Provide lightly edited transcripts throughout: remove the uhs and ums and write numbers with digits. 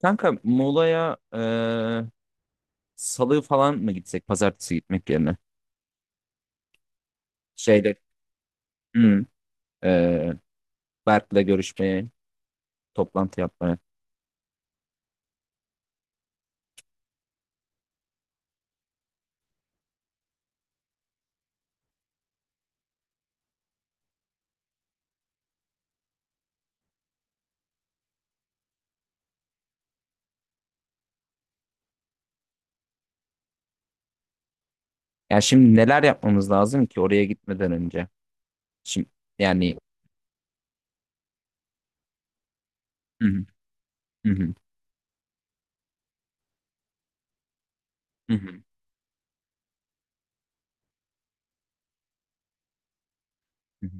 Kanka Muğla'ya salı falan mı gitsek pazartesi gitmek yerine? Şeyde hmm, eee, Berk'le görüşmeye, toplantı yapmaya. Yani şimdi neler yapmamız lazım ki oraya gitmeden önce? Şimdi yani hı hı, hı hı, hı hı, hı hı.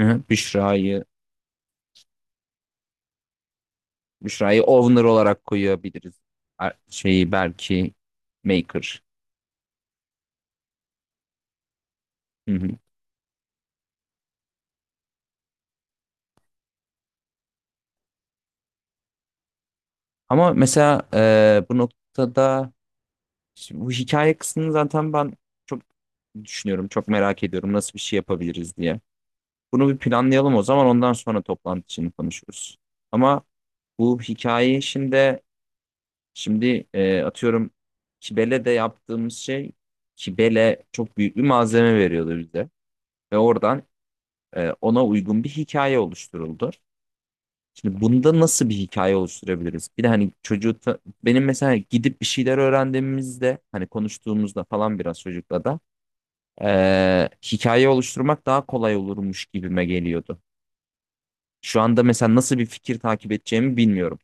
Hı hı, Büşra'yı owner olarak koyabiliriz. Şeyi belki maker. Hı hı. Ama mesela bu noktada şimdi bu hikaye kısmını zaten ben çok düşünüyorum, çok merak ediyorum nasıl bir şey yapabiliriz diye. Bunu bir planlayalım o zaman ondan sonra toplantı için konuşuruz. Ama bu hikaye işinde şimdi atıyorum Kibele de yaptığımız şey Kibele çok büyük bir malzeme veriyordu bize. Ve oradan ona uygun bir hikaye oluşturuldu. Şimdi bunda nasıl bir hikaye oluşturabiliriz? Bir de hani benim mesela gidip bir şeyler öğrendiğimizde hani konuştuğumuzda falan biraz çocukla da hikaye oluşturmak daha kolay olurmuş gibime geliyordu. Şu anda mesela nasıl bir fikir takip edeceğimi bilmiyorum.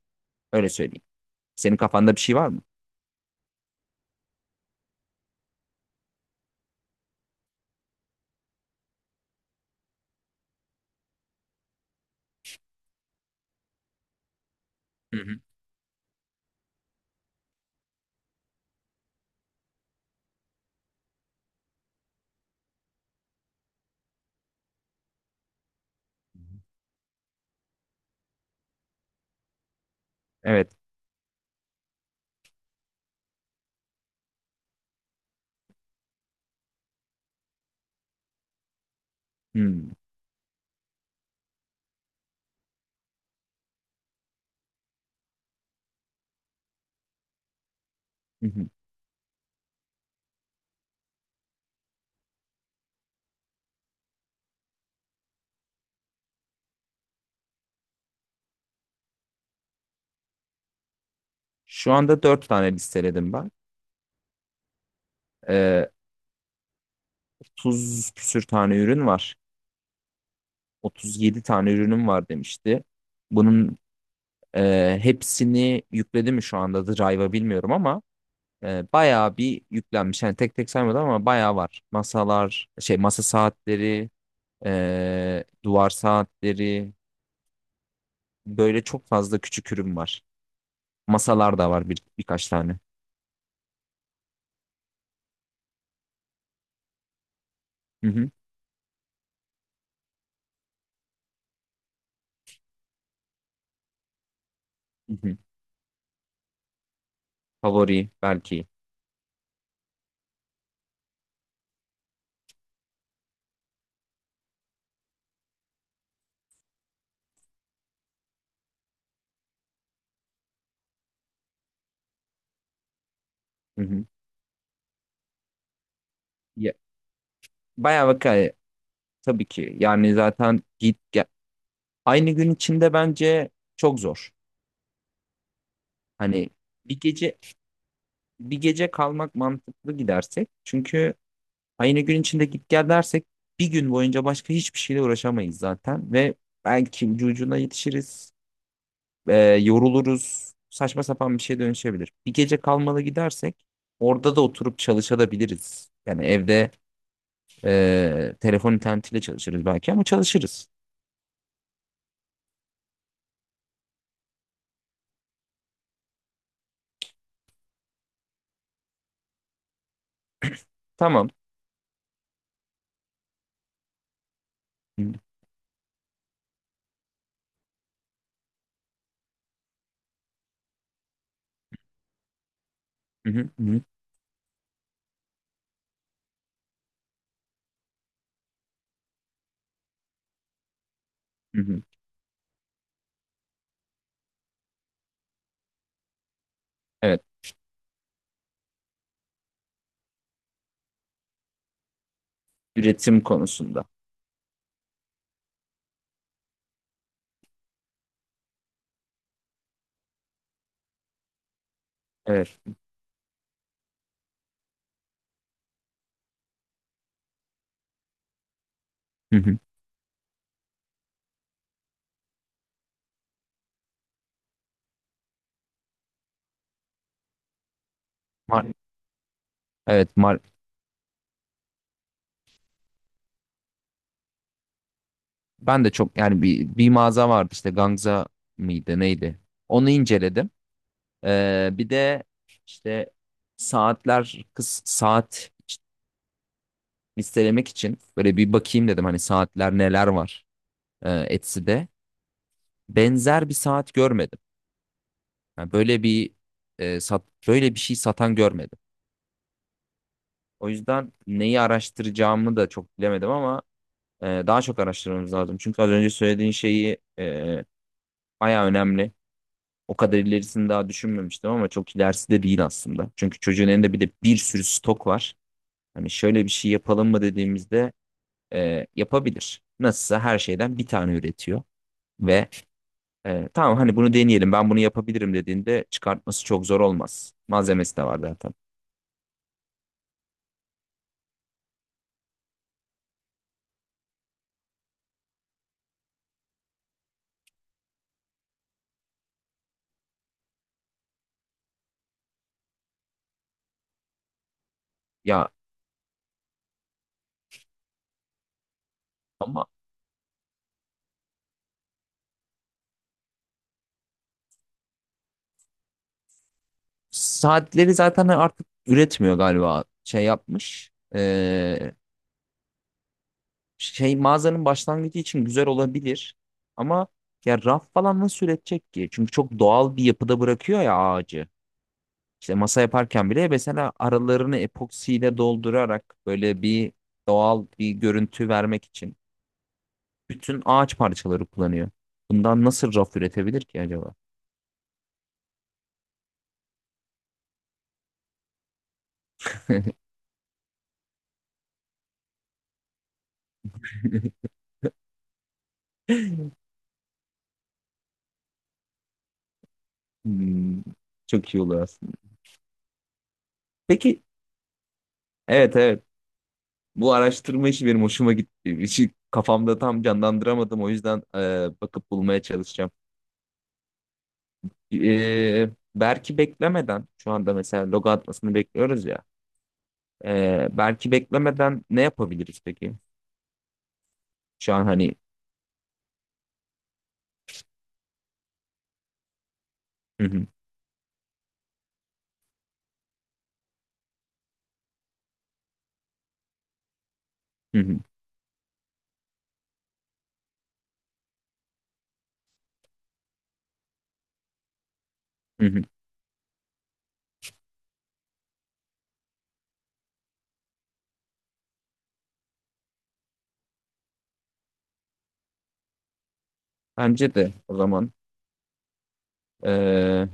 Öyle söyleyeyim. Senin kafanda bir şey var mı? Hı hı. Evet. Hmm. Hı hı. Şu anda dört tane listeledim ben. Ee, 30 küsür tane ürün var. 37 tane ürünüm var demişti. Bunun hepsini yükledi mi şu anda Drive'a bilmiyorum ama bayağı bir yüklenmiş. Yani tek tek saymadım ama bayağı var. Masalar, şey masa saatleri, duvar saatleri böyle çok fazla küçük ürün var. Masalar da var birkaç tane. Hı hı, hı hı. Favori belki. Hı hı. Ya, bayağı vaka tabii ki. Yani zaten git gel. Aynı gün içinde bence çok zor. Hani bir gece bir gece kalmak mantıklı gidersek. Çünkü aynı gün içinde git gel dersek bir gün boyunca başka hiçbir şeyle uğraşamayız zaten ve belki ucu ucuna yetişiriz. e, Yoruluruz. Saçma sapan bir şeye dönüşebilir. Bir gece kalmalı gidersek orada da oturup çalışabiliriz. Yani evde telefon internetiyle çalışırız belki ama çalışırız. Tamam. Hı hı hı hı. Hı hı. Evet. Üretim konusunda. Evet. Hı hı. Mar- evet. Ben de çok yani bir mağaza vardı işte Gangza mıydı neydi? Onu inceledim. Bir de işte kız saat listelemek için böyle bir bakayım dedim hani saatler neler var Etsy'de. Benzer bir saat görmedim. Yani böyle bir böyle bir şey satan görmedim. O yüzden neyi araştıracağımı da çok bilemedim ama daha çok araştırmamız lazım. Çünkü az önce söylediğin şeyi bayağı önemli. O kadar ilerisini daha düşünmemiştim ama çok ilerisi de değil aslında. Çünkü çocuğun elinde bir de bir sürü stok var. Hani şöyle bir şey yapalım mı dediğimizde yapabilir. Nasılsa her şeyden bir tane üretiyor ve tamam hani bunu deneyelim ben bunu yapabilirim dediğinde çıkartması çok zor olmaz. Malzemesi de var zaten. Ya ama saatleri zaten artık üretmiyor galiba şey yapmış. Şey mağazanın başlangıcı için güzel olabilir. Ama ya raf falan nasıl üretecek ki? Çünkü çok doğal bir yapıda bırakıyor ya ağacı. İşte masa yaparken bile mesela aralarını epoksiyle doldurarak böyle bir doğal bir görüntü vermek için. Bütün ağaç parçaları kullanıyor. Bundan nasıl raf üretebilir ki acaba? Hmm, çok iyi olur aslında. Peki, evet evet. Bu araştırma işi benim hoşuma gitti. İşi kafamda tam canlandıramadım. O yüzden bakıp bulmaya çalışacağım. Belki beklemeden, şu anda mesela logo atmasını bekliyoruz ya. Belki beklemeden ne yapabiliriz peki? Şu an hani... Hı hı, hı hı, hı hı. Bence de o zaman. e,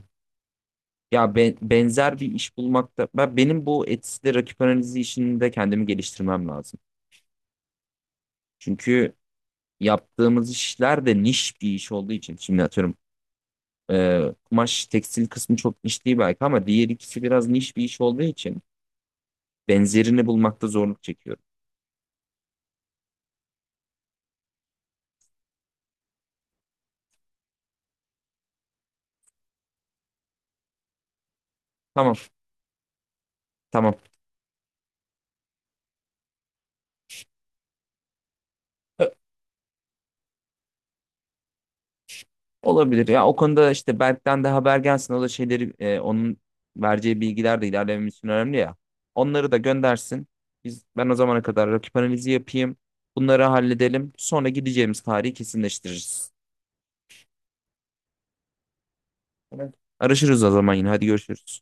Ya benzer bir iş bulmakta benim bu Etsy'de rakip analizi işinde kendimi geliştirmem lazım. Çünkü yaptığımız işler de niş bir iş olduğu için şimdi atıyorum kumaş tekstil kısmı çok niş değil belki ama diğer ikisi biraz niş bir iş olduğu için benzerini bulmakta zorluk çekiyorum. Tamam, tamam. Olabilir. Ya o konuda işte Berk'ten de haber gelsin. O da şeyleri onun vereceği bilgiler de ilerlememiz için önemli ya. Onları da göndersin. Ben o zamana kadar rakip analizi yapayım. Bunları halledelim. Sonra gideceğimiz tarihi kesinleştiririz. Tamam. Araşırız o zaman yine. Hadi görüşürüz.